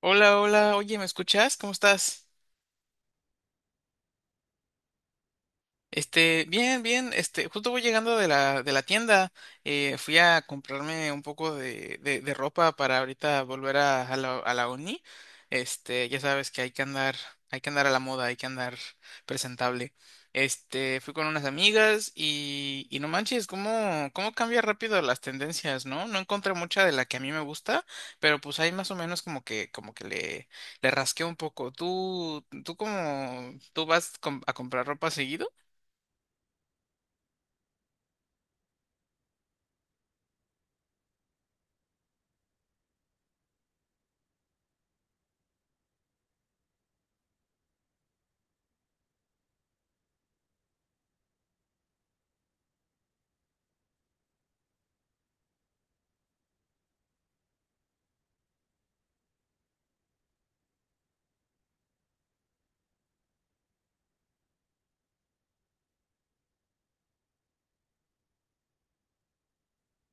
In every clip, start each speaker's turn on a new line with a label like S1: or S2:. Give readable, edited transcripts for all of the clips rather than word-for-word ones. S1: Hola, hola, oye, ¿me escuchas? ¿Cómo estás? Bien, bien, justo voy llegando de la tienda, fui a comprarme un poco de ropa para ahorita volver a la uni. Ya sabes que hay que andar a la moda, hay que andar presentable. Fui con unas amigas y no manches, cómo cambia rápido las tendencias, ¿no? No encontré mucha de la que a mí me gusta, pero pues ahí más o menos le rasqué un poco. Tú cómo, tú vas a comprar ropa seguido?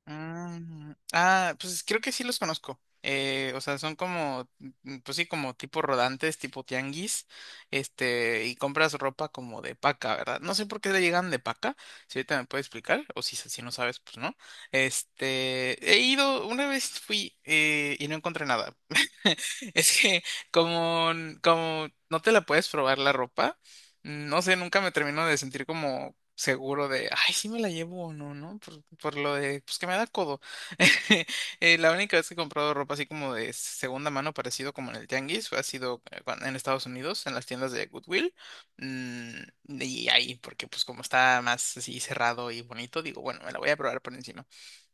S1: Mm, ah, pues creo que sí los conozco. O sea, son como, mm, pues sí, como tipo rodantes, tipo tianguis, y compras ropa como de paca, ¿verdad? No sé por qué le llegan de paca, si ahorita me puedes explicar, o si no sabes, pues no. He ido, una vez fui y no encontré nada. Es que como, como no te la puedes probar la ropa. No sé, nunca me termino de sentir como seguro de, ay, sí me la llevo o no, ¿no? Por lo de, pues que me da codo. La única vez que he comprado ropa así como de segunda mano, parecido como en el Tianguis, ha sido en Estados Unidos, en las tiendas de Goodwill. Mm, y ahí, porque pues como está más así cerrado y bonito, digo, bueno, me la voy a probar por encima.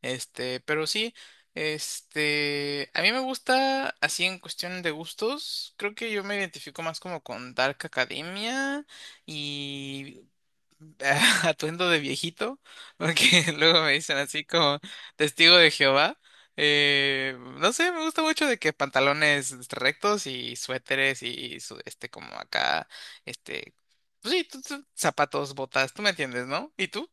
S1: Este, pero sí. A mí me gusta así en cuestión de gustos, creo que yo me identifico más como con Dark Academia y atuendo de viejito, porque luego me dicen así como testigo de Jehová. No sé, me gusta mucho de que pantalones rectos y suéteres y como acá, este, pues sí, zapatos, botas, tú me entiendes, ¿no? ¿Y tú?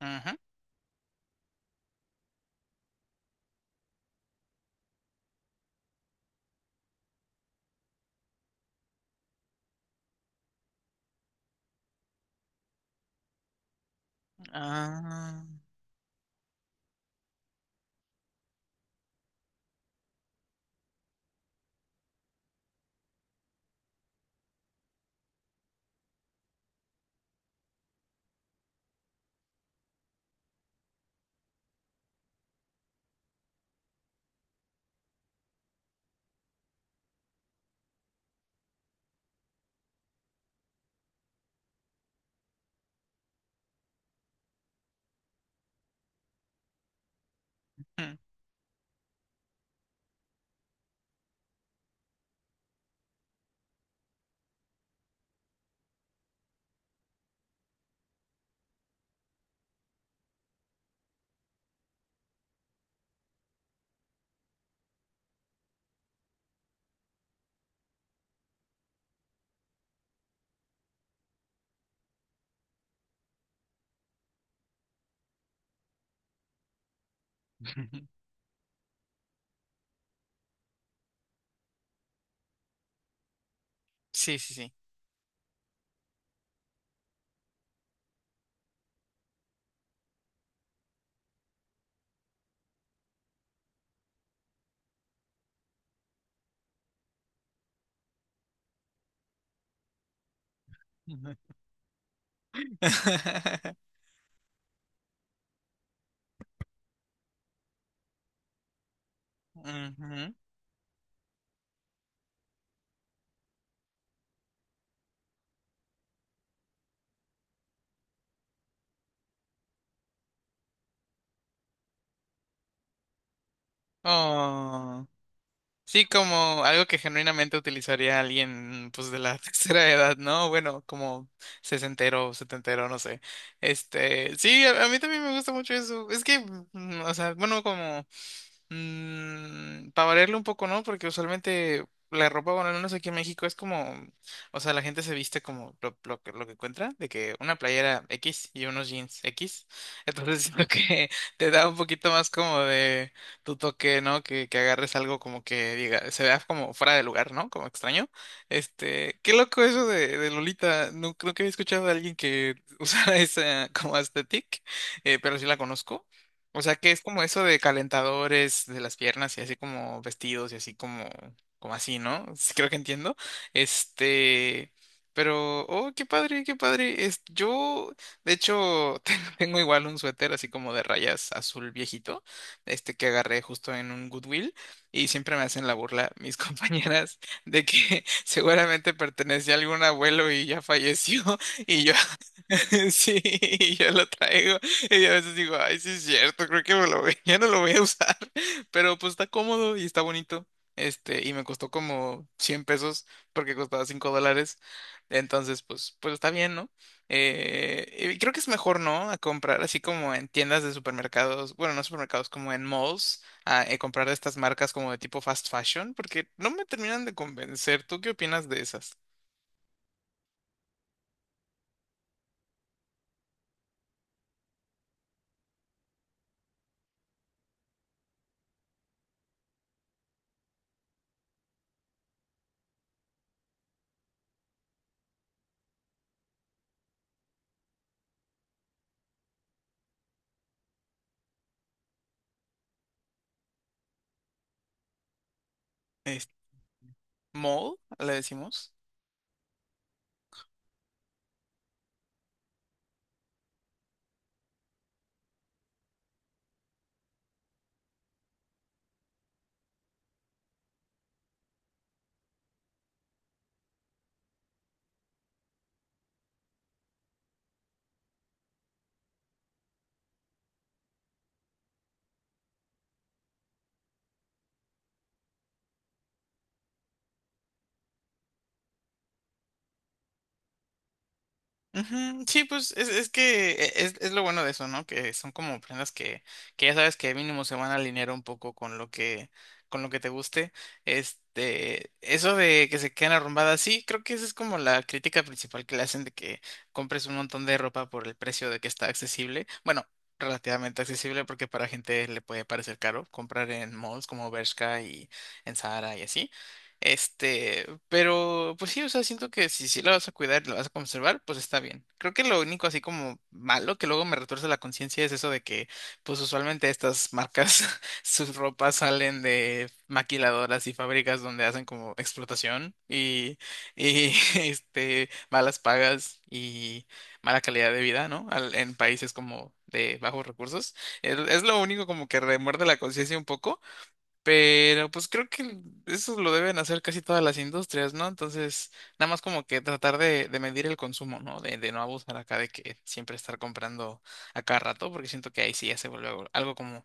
S1: Ujú. Ah, sí, sí, sí. Ujú. Ujú. Oh. Sí, como algo que genuinamente utilizaría alguien, pues, de la tercera edad, ¿no? Bueno, como sesentero, setentero, no sé. Sí, a mí también me gusta mucho eso. Es que, mm, o sea, bueno, como mm, para variarle un poco, ¿no? Porque usualmente la ropa, bueno, al menos aquí en México es como, o sea, la gente se viste como lo que encuentra, de que una playera X y unos jeans X. Entonces siento que te da un poquito más como de tu toque, ¿no? Que agarres algo como que diga, se vea como fuera de lugar, ¿no? Como extraño. Qué loco eso de Lolita. Nunca, nunca había escuchado de alguien que usara esa como aesthetic, pero sí la conozco. O sea que es como eso de calentadores de las piernas y así como vestidos y así como, como así, ¿no? Sí, creo que entiendo. Este, pero, oh, qué padre, qué padre. Es, yo, de hecho, tengo igual un suéter así como de rayas azul viejito, este que agarré justo en un Goodwill y siempre me hacen la burla mis compañeras de que seguramente pertenecía a algún abuelo y ya falleció y yo, sí, y yo lo traigo. Y a veces digo, ay, sí es cierto, creo que ya no lo voy a usar, pero pues está cómodo y está bonito. Y me costó como 100 pesos porque costaba $5. Entonces, pues está bien, ¿no? Y creo que es mejor, ¿no? A comprar así como en tiendas de supermercados, bueno, no supermercados, como en malls, a, comprar de estas marcas como de tipo fast fashion, porque no me terminan de convencer. ¿Tú qué opinas de esas? Este, ¿mall? ¿Le decimos? Ujú, sí, pues es que es lo bueno de eso, ¿no? Que son como prendas que ya sabes que mínimo se van a alinear un poco con lo que te guste. Eso de que se queden arrumbadas, sí, creo que esa es como la crítica principal que le hacen de que compres un montón de ropa por el precio de que está accesible. Bueno, relativamente accesible porque para gente le puede parecer caro comprar en malls como Bershka y en Zara y así. Pero pues sí, o sea, siento que si sí la vas a cuidar y la vas a conservar, pues está bien. Creo que lo único así como malo que luego me retuerce la conciencia es eso de que, pues usualmente estas marcas, sus ropas salen de maquiladoras y fábricas donde hacen como explotación y malas pagas y mala calidad de vida, ¿no? En países como de bajos recursos. Es lo único como que remuerde la conciencia un poco. Pero pues creo que eso lo deben hacer casi todas las industrias, ¿no? Entonces, nada más como que tratar de medir el consumo, ¿no? De no abusar acá de que siempre estar comprando a cada rato, porque siento que ahí sí ya se vuelve algo como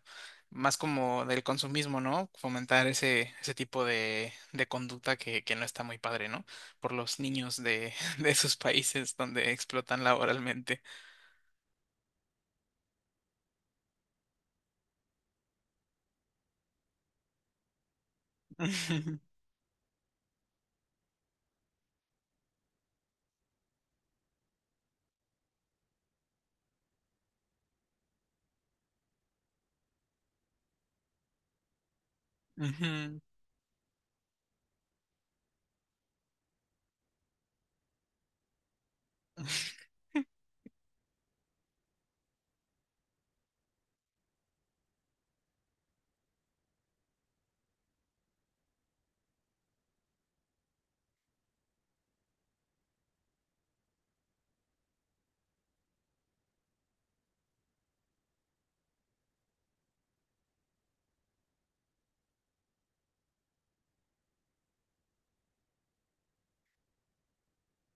S1: más como del consumismo, ¿no? Fomentar ese tipo de conducta que no está muy padre, ¿no? Por los niños de, de esos países donde explotan laboralmente. Ujú, ujú.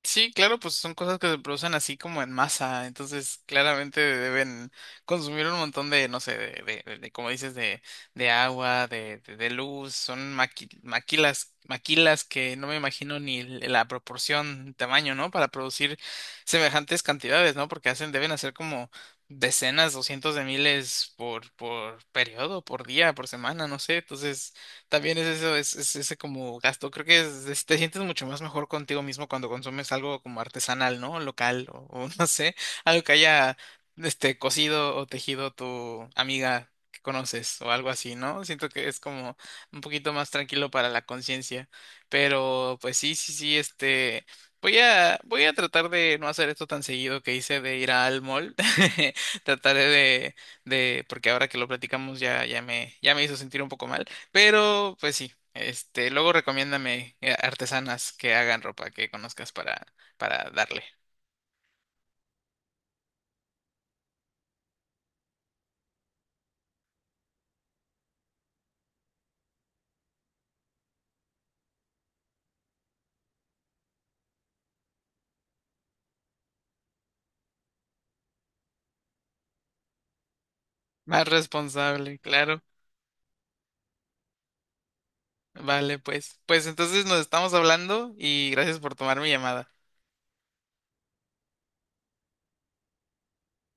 S1: Sí, claro, pues son cosas que se producen así como en masa, entonces claramente deben consumir un montón de, no sé, como dices, de agua, de luz, son maquilas, maquilas que no me imagino ni l- la proporción, tamaño, ¿no? Para producir semejantes cantidades, ¿no? Porque hacen, deben hacer como decenas o cientos de miles por periodo, por día, por semana, no sé, entonces también es eso, es ese como gasto. Creo que te sientes mucho más mejor contigo mismo cuando consumes algo como artesanal, ¿no? Local o no sé, algo que haya cosido o tejido tu amiga que conoces o algo así, ¿no? Siento que es como un poquito más tranquilo para la conciencia. Pero pues sí, sí, sí, voy a tratar de no hacer esto tan seguido que hice de ir al mall. Trataré de porque ahora que lo platicamos ya me hizo sentir un poco mal. Pero, pues sí, luego recomiéndame artesanas que hagan ropa que conozcas para darle. Más responsable, claro. Vale, pues. Pues entonces nos estamos hablando y gracias por tomar mi llamada.